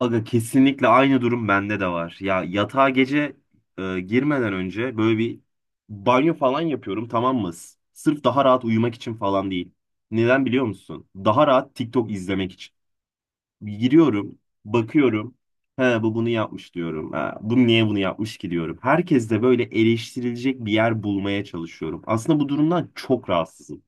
Aga kesinlikle aynı durum bende de var. Ya yatağa gece girmeden önce böyle bir banyo falan yapıyorum, tamam mı? Sırf daha rahat uyumak için falan değil. Neden biliyor musun? Daha rahat TikTok izlemek için. Giriyorum, bakıyorum. He, bu bunu yapmış diyorum. Ha, bu niye bunu yapmış ki diyorum. Herkes de böyle eleştirilecek bir yer bulmaya çalışıyorum. Aslında bu durumdan çok rahatsızım.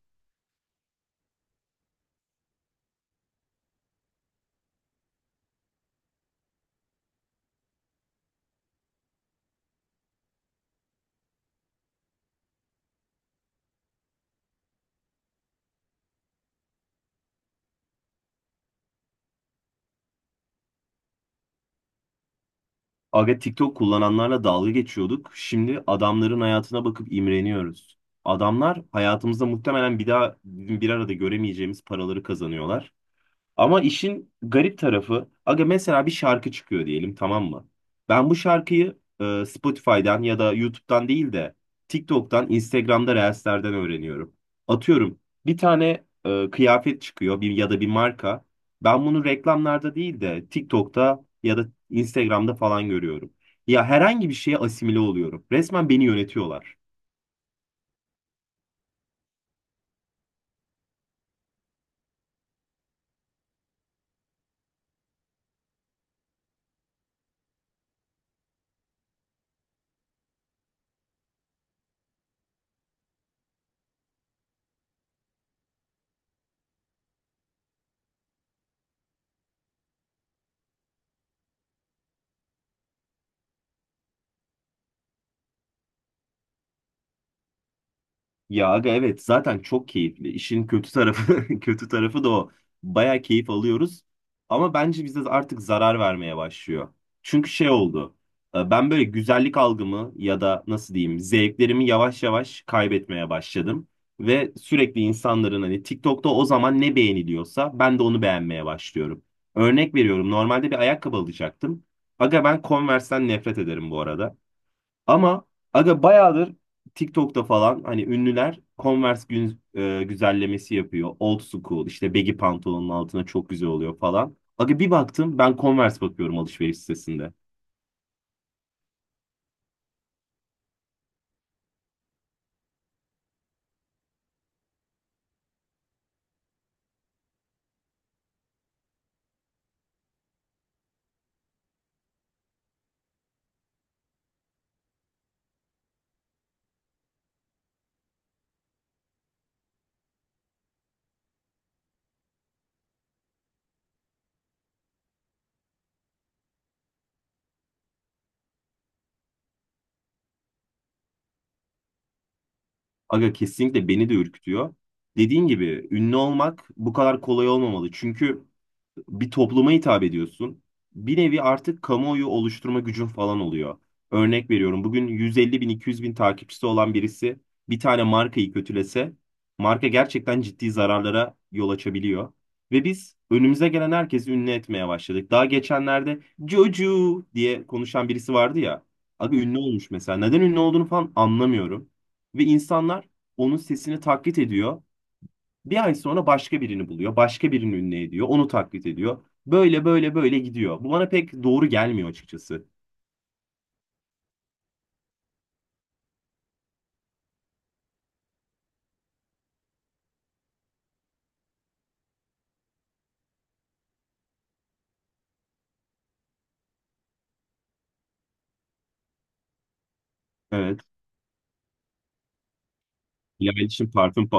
Aga, TikTok kullananlarla dalga geçiyorduk. Şimdi adamların hayatına bakıp imreniyoruz. Adamlar hayatımızda muhtemelen bir daha bizim bir arada göremeyeceğimiz paraları kazanıyorlar. Ama işin garip tarafı, aga, mesela bir şarkı çıkıyor diyelim, tamam mı? Ben bu şarkıyı Spotify'dan ya da YouTube'dan değil de TikTok'tan, Instagram'da Reels'lerden öğreniyorum. Atıyorum, bir tane kıyafet çıkıyor, bir ya da bir marka. Ben bunu reklamlarda değil de TikTok'ta ya da Instagram'da falan görüyorum. Ya, herhangi bir şeye asimile oluyorum. Resmen beni yönetiyorlar. Ya aga, evet, zaten çok keyifli. İşin kötü tarafı kötü tarafı da o. Baya keyif alıyoruz. Ama bence bize artık zarar vermeye başlıyor. Çünkü şey oldu. Ben böyle güzellik algımı ya da nasıl diyeyim, zevklerimi yavaş yavaş kaybetmeye başladım. Ve sürekli insanların hani TikTok'ta o zaman ne beğeniliyorsa, ben de onu beğenmeye başlıyorum. Örnek veriyorum, normalde bir ayakkabı alacaktım. Aga, ben Converse'ten nefret ederim bu arada. Ama aga bayağıdır TikTok'ta falan hani ünlüler Converse güzellemesi yapıyor. Old school, işte baggy pantolonun altına çok güzel oluyor falan. Aga bir baktım, ben Converse bakıyorum alışveriş sitesinde. Aga kesinlikle beni de ürkütüyor. Dediğin gibi ünlü olmak bu kadar kolay olmamalı. Çünkü bir topluma hitap ediyorsun. Bir nevi artık kamuoyu oluşturma gücün falan oluyor. Örnek veriyorum, bugün 150 bin 200 bin takipçisi olan birisi bir tane markayı kötülese, marka gerçekten ciddi zararlara yol açabiliyor. Ve biz önümüze gelen herkesi ünlü etmeye başladık. Daha geçenlerde Joju diye konuşan birisi vardı ya. Abi ünlü olmuş mesela. Neden ünlü olduğunu falan anlamıyorum. Ve insanlar onun sesini taklit ediyor. Bir ay sonra başka birini buluyor. Başka birini ünlü ediyor. Onu taklit ediyor. Böyle böyle böyle gidiyor. Bu bana pek doğru gelmiyor açıkçası. Evet. Bilal için parfüm.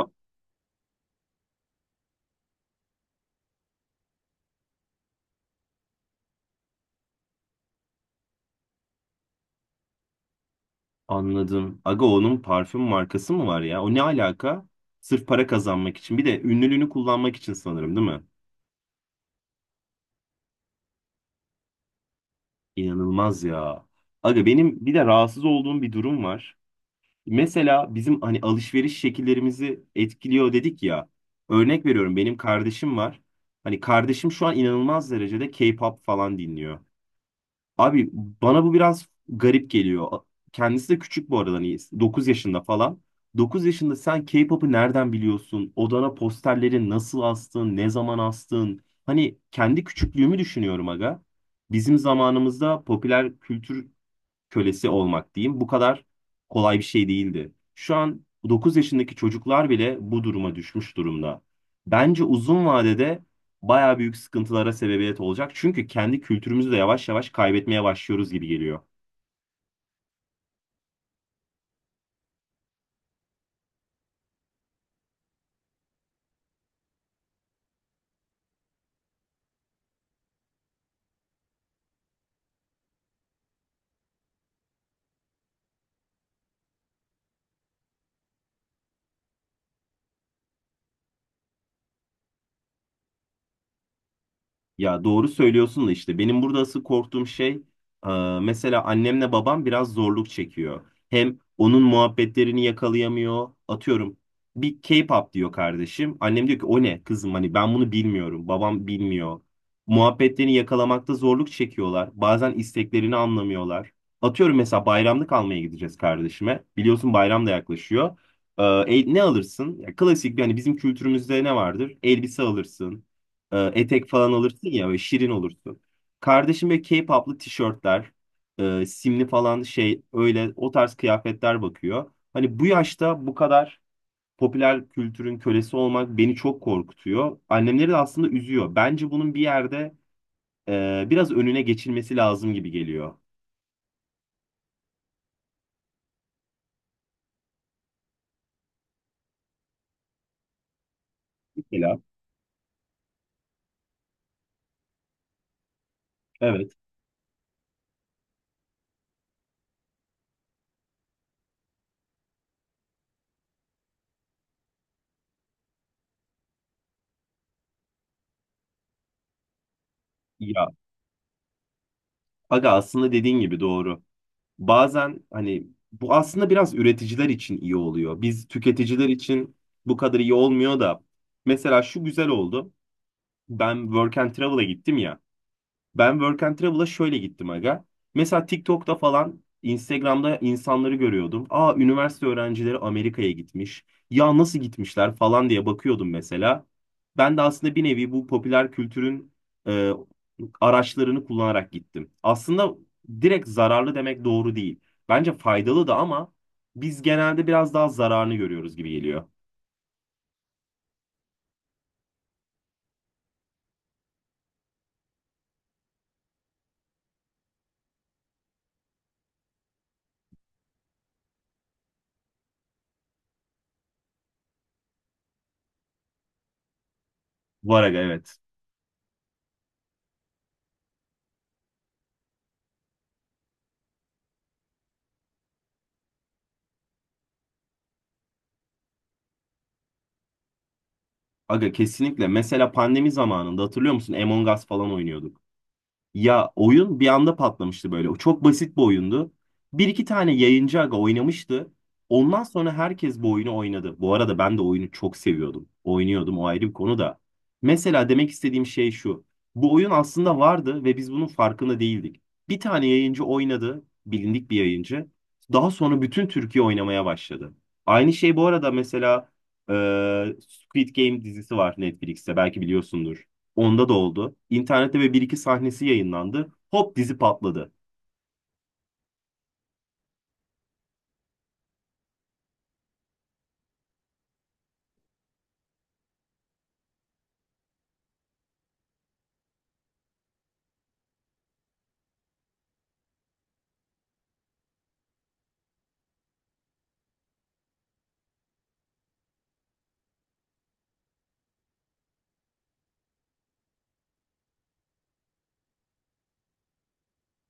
Anladım. Aga, onun parfüm markası mı var ya? O ne alaka? Sırf para kazanmak için. Bir de ünlülüğünü kullanmak için sanırım, değil mi? İnanılmaz ya. Aga benim bir de rahatsız olduğum bir durum var. Mesela bizim hani alışveriş şekillerimizi etkiliyor dedik ya. Örnek veriyorum, benim kardeşim var. Hani kardeşim şu an inanılmaz derecede K-pop falan dinliyor. Abi bana bu biraz garip geliyor. Kendisi de küçük bu arada, hani 9 yaşında falan. 9 yaşında sen K-pop'u nereden biliyorsun? Odana posterleri nasıl astın? Ne zaman astın? Hani kendi küçüklüğümü düşünüyorum aga. Bizim zamanımızda popüler kültür kölesi olmak diyeyim, bu kadar kolay bir şey değildi. Şu an 9 yaşındaki çocuklar bile bu duruma düşmüş durumda. Bence uzun vadede bayağı büyük sıkıntılara sebebiyet olacak. Çünkü kendi kültürümüzü de yavaş yavaş kaybetmeye başlıyoruz gibi geliyor. Ya doğru söylüyorsun da işte benim burada asıl korktuğum şey e, mesela annemle babam biraz zorluk çekiyor. Hem onun muhabbetlerini yakalayamıyor. Atıyorum, bir K-pop diyor kardeşim. Annem diyor ki, o ne kızım, hani ben bunu bilmiyorum. Babam bilmiyor. Muhabbetlerini yakalamakta zorluk çekiyorlar. Bazen isteklerini anlamıyorlar. Atıyorum mesela bayramlık almaya gideceğiz kardeşime. Biliyorsun bayram da yaklaşıyor. Ne alırsın? Ya, klasik, bir hani bizim kültürümüzde ne vardır? Elbise alırsın. Etek falan alırsın ya ve şirin olursun. Kardeşim böyle k poplu tişörtler, simli falan şey, öyle o tarz kıyafetler bakıyor. Hani bu yaşta bu kadar popüler kültürün kölesi olmak beni çok korkutuyor. Annemleri de aslında üzüyor. Bence bunun bir yerde biraz önüne geçilmesi lazım gibi geliyor. Mesela, evet ya aga, aslında dediğin gibi doğru. Bazen hani bu aslında biraz üreticiler için iyi oluyor. Biz tüketiciler için bu kadar iyi olmuyor da mesela şu güzel oldu. Ben Work and Travel'a gittim ya. Ben Work and Travel'a şöyle gittim aga. Mesela TikTok'ta falan Instagram'da insanları görüyordum. Aa, üniversite öğrencileri Amerika'ya gitmiş. Ya nasıl gitmişler falan diye bakıyordum mesela. Ben de aslında bir nevi bu popüler kültürün e, araçlarını kullanarak gittim. Aslında direkt zararlı demek doğru değil. Bence faydalı da ama biz genelde biraz daha zararını görüyoruz gibi geliyor. Var aga, evet. Aga kesinlikle. Mesela pandemi zamanında hatırlıyor musun? Among Us falan oynuyorduk. Ya oyun bir anda patlamıştı böyle. O çok basit bir oyundu. Bir iki tane yayıncı aga oynamıştı. Ondan sonra herkes bu oyunu oynadı. Bu arada ben de oyunu çok seviyordum. Oynuyordum, o ayrı bir konu da. Mesela demek istediğim şey şu. Bu oyun aslında vardı ve biz bunun farkında değildik. Bir tane yayıncı oynadı. Bilindik bir yayıncı. Daha sonra bütün Türkiye oynamaya başladı. Aynı şey bu arada, mesela e, Squid Game dizisi var Netflix'te. Belki biliyorsundur. Onda da oldu. İnternette ve bir iki sahnesi yayınlandı. Hop, dizi patladı.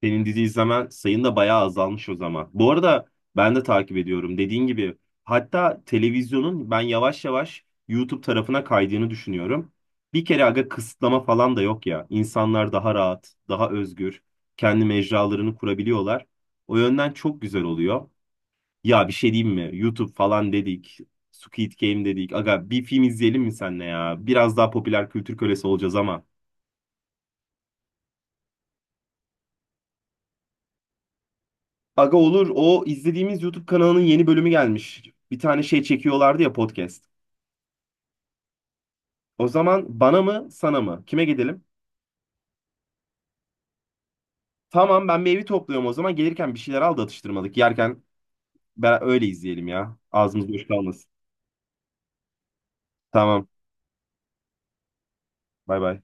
Senin dizi izlemen sayın da bayağı azalmış o zaman. Bu arada ben de takip ediyorum dediğin gibi. Hatta televizyonun ben yavaş yavaş YouTube tarafına kaydığını düşünüyorum. Bir kere aga kısıtlama falan da yok ya. İnsanlar daha rahat, daha özgür, kendi mecralarını kurabiliyorlar. O yönden çok güzel oluyor. Ya bir şey diyeyim mi? YouTube falan dedik. Squid Game dedik. Aga bir film izleyelim mi seninle ya? Biraz daha popüler kültür kölesi olacağız ama. Aga olur. O izlediğimiz YouTube kanalının yeni bölümü gelmiş. Bir tane şey çekiyorlardı ya, podcast. O zaman bana mı sana mı? Kime gidelim? Tamam, ben bir evi topluyorum o zaman. Gelirken bir şeyler al da atıştırmalık. Yerken ben öyle izleyelim ya. Ağzımız boş kalmasın. Tamam. Bay bay.